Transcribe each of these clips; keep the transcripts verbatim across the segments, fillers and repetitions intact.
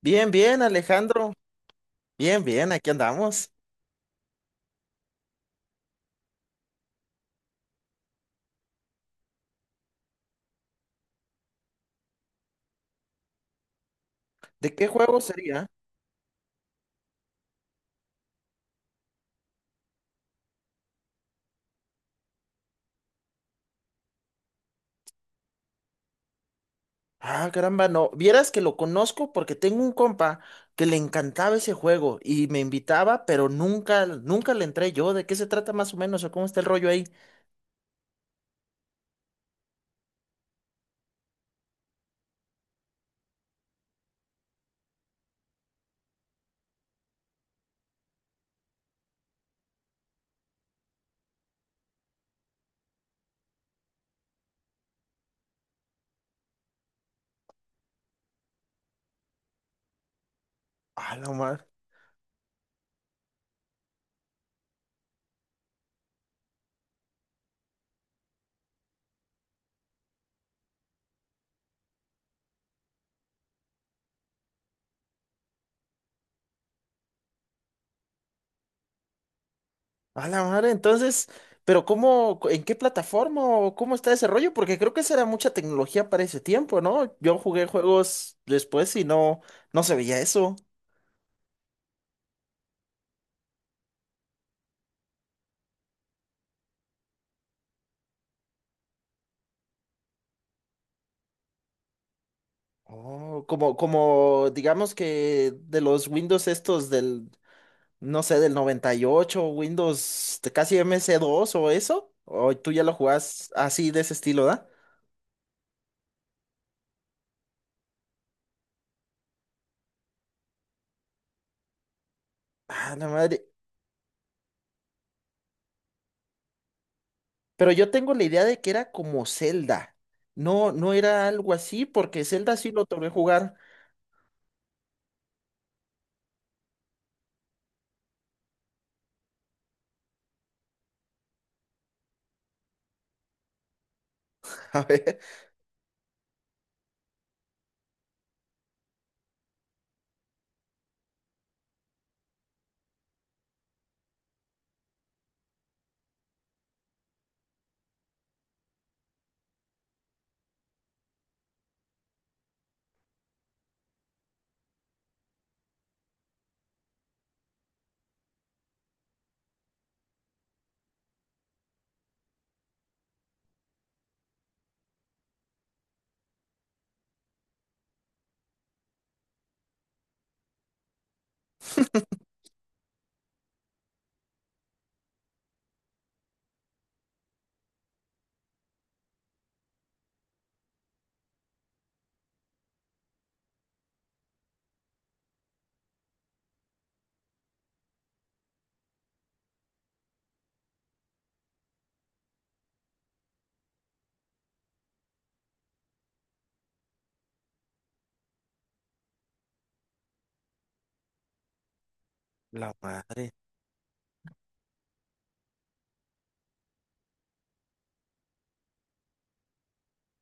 Bien, bien, Alejandro. Bien, bien, aquí andamos. ¿De qué juego sería? Ah, caramba, no. Vieras que lo conozco porque tengo un compa que le encantaba ese juego y me invitaba, pero nunca, nunca le entré yo. ¿De qué se trata más o menos o cómo está el rollo ahí? A la madre. A la madre, entonces, pero ¿cómo, en qué plataforma o cómo está ese rollo? Porque creo que será mucha tecnología para ese tiempo, ¿no? Yo jugué juegos después y no, no se veía eso. Oh, como, como digamos que de los Windows estos del, no sé, del noventa y ocho Windows de casi M C dos o eso, o tú ya lo jugás así de ese estilo, ¿da? Ah, la madre. Pero yo tengo la idea de que era como Zelda. No, no era algo así, porque Zelda sí lo logré jugar. A ver. La madre.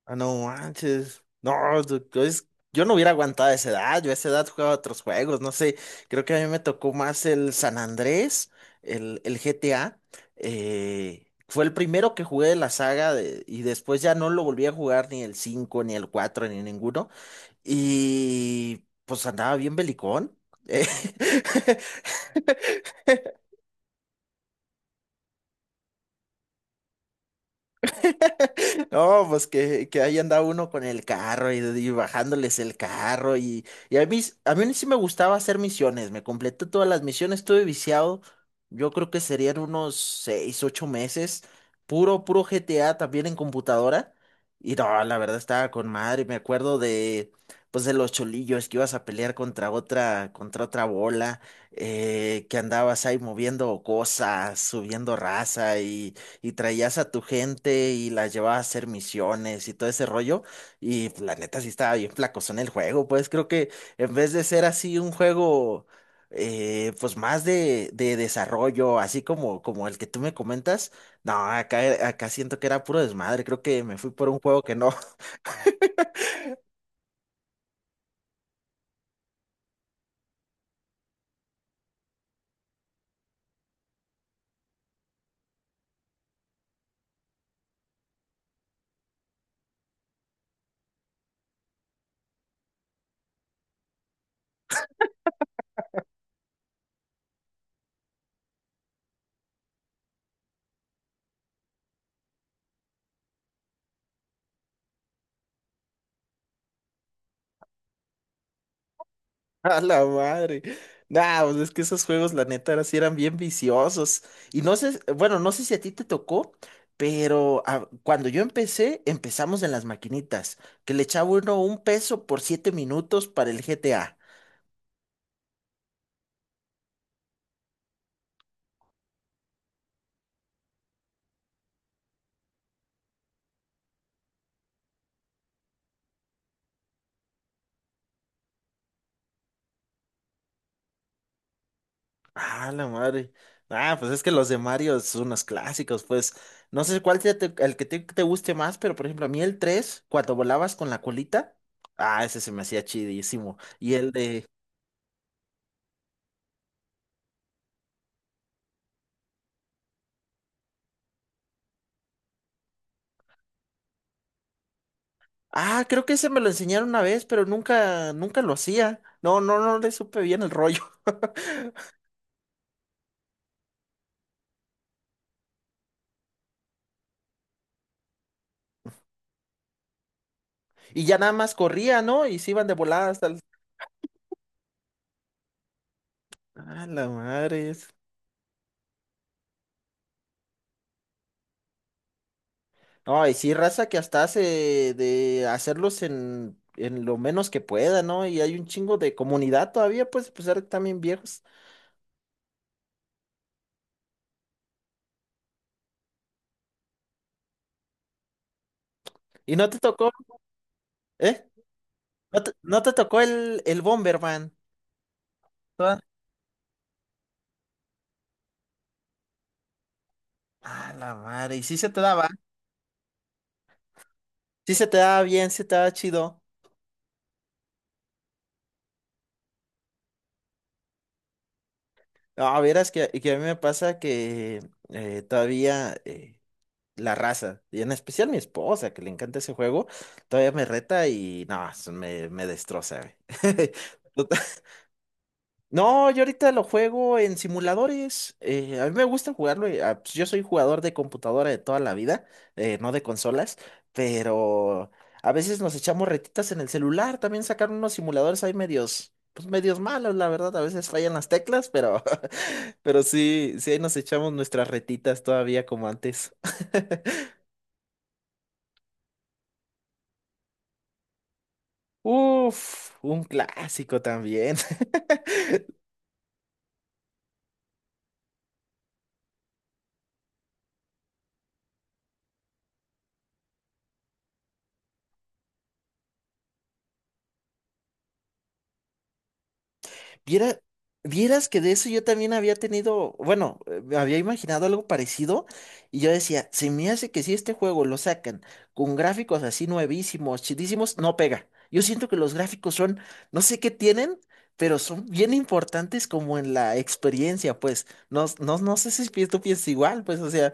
Ah, no manches. No, du- es- yo no hubiera aguantado a esa edad. Yo a esa edad jugaba otros juegos. No sé, creo que a mí me tocó más el San Andrés, el, el G T A. Eh, fue el primero que jugué de la saga de- Y después ya no lo volví a jugar ni el cinco ni el cuatro ni ninguno. Y pues andaba bien belicón. No, pues que, que ahí andaba uno con el carro y, y bajándoles el carro y, y a mí, s- a mí sí me gustaba hacer misiones, me completé todas las misiones, estuve viciado, yo creo que serían unos seis, ocho meses, puro, puro G T A también en computadora y no, la verdad estaba con madre, me acuerdo de, pues de los cholillos que ibas a pelear contra otra, contra otra bola, eh, que andabas ahí moviendo cosas, subiendo raza y traías a tu gente y las llevabas a hacer misiones y todo ese rollo. Y pues, la neta sí estaba bien flacosón el juego, pues creo que en vez de ser así un juego eh, pues más de, de desarrollo, así como, como el que tú me comentas, no, acá, acá siento que era puro desmadre, creo que me fui por un juego que no. A la madre. Nah, pues es que esos juegos, la neta, ahora sí eran bien viciosos. Y no sé, bueno, no sé si a ti te tocó, pero ah, cuando yo empecé, empezamos en las maquinitas, que le echaba uno un peso por siete minutos para el G T A. Ah, la madre. Ah, pues es que los de Mario son unos clásicos, pues. No sé cuál sea te- El que te, te guste más, pero por ejemplo, a mí el tres cuando volabas con la colita, ah, ese se me hacía chidísimo. Y el de Ah, creo que ese me lo enseñaron una vez, pero nunca, nunca lo hacía. No, no, no le supe bien el rollo. Y ya nada más corría, ¿no? Y se iban de volada hasta el... Ah, la madre. es- No, y sí, raza que hasta hace de hacerlos en, en lo menos que pueda, ¿no? Y hay un chingo de comunidad todavía, pues, a pesar de que también viejos. ¿Y no te tocó, eh? ¿No te, no te tocó el, el Bomberman? Toda- Ah, la madre. Y sí se te daba. Sí se te daba bien, sí se te daba chido. A ver, es que, que a mí me pasa que eh, todavía eh, la raza, y en especial mi esposa, que le encanta ese juego, todavía me reta y no, eso me, me destroza, güey. Total- No, yo ahorita lo juego en simuladores. Eh, a mí me gusta jugarlo. Eh, ah, pues, yo soy jugador de computadora de toda la vida, eh, no de consolas, pero a veces nos echamos retitas en el celular. También sacaron unos simuladores ahí medios, pues medios malos, la verdad. A veces fallan las teclas, pero pero sí, sí, ahí nos echamos nuestras retitas todavía como antes. Uf, un clásico también. Viera- Vieras que de eso yo también había tenido, bueno, eh, me había imaginado algo parecido y yo decía, se me hace que si este juego lo sacan con gráficos así nuevísimos, chidísimos, no pega. Yo siento que los gráficos son, no sé qué tienen, pero son bien importantes como en la experiencia, pues. No, no, no sé si pi- tú piensas igual, pues, o sea.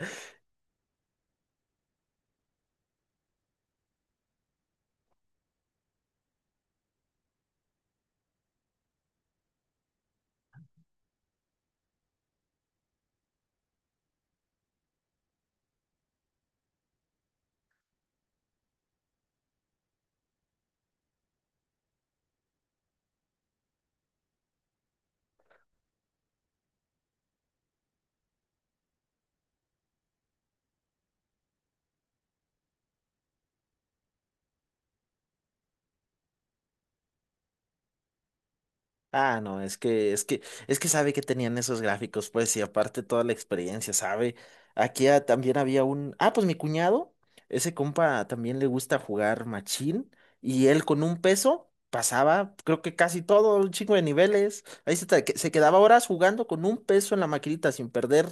Ah, no, es que, es que, es que sabe que tenían esos gráficos, pues, y aparte toda la experiencia, sabe. Aquí ah, también había un, ah, pues mi cuñado, ese compa también le gusta jugar machín, y él con un peso pasaba, creo que casi todo, un chingo de niveles. Ahí se, te- se quedaba horas jugando con un peso en la maquinita sin perder.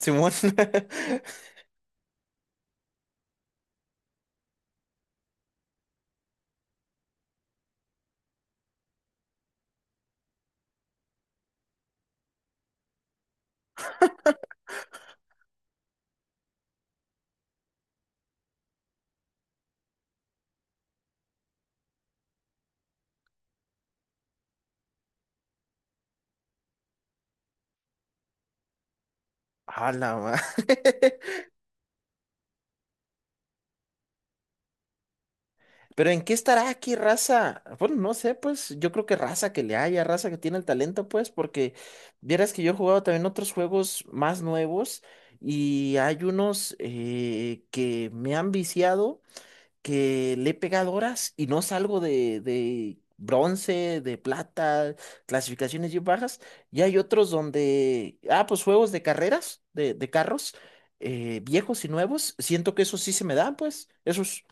Simón. A la madre. Pero ¿en qué estará aquí raza? Bueno, no sé, pues yo creo que raza que le haya, raza que tiene el talento, pues, porque vieras que yo he jugado también otros juegos más nuevos y hay unos eh, que me han viciado, que le he pegado horas y no salgo de, de bronce, de plata, clasificaciones bien bajas. Y hay otros donde, ah, pues juegos de carreras, de, de carros, eh, viejos y nuevos, siento que eso sí se me dan, pues, esos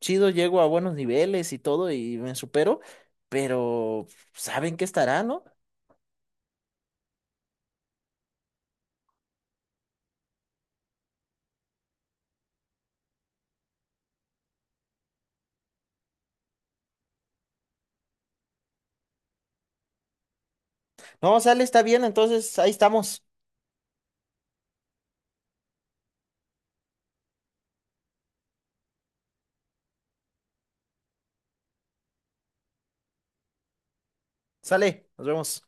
chido, llego a buenos niveles y todo y me supero, pero saben que estará, ¿no? No, sale, está bien, entonces ahí estamos. Sale, nos vemos.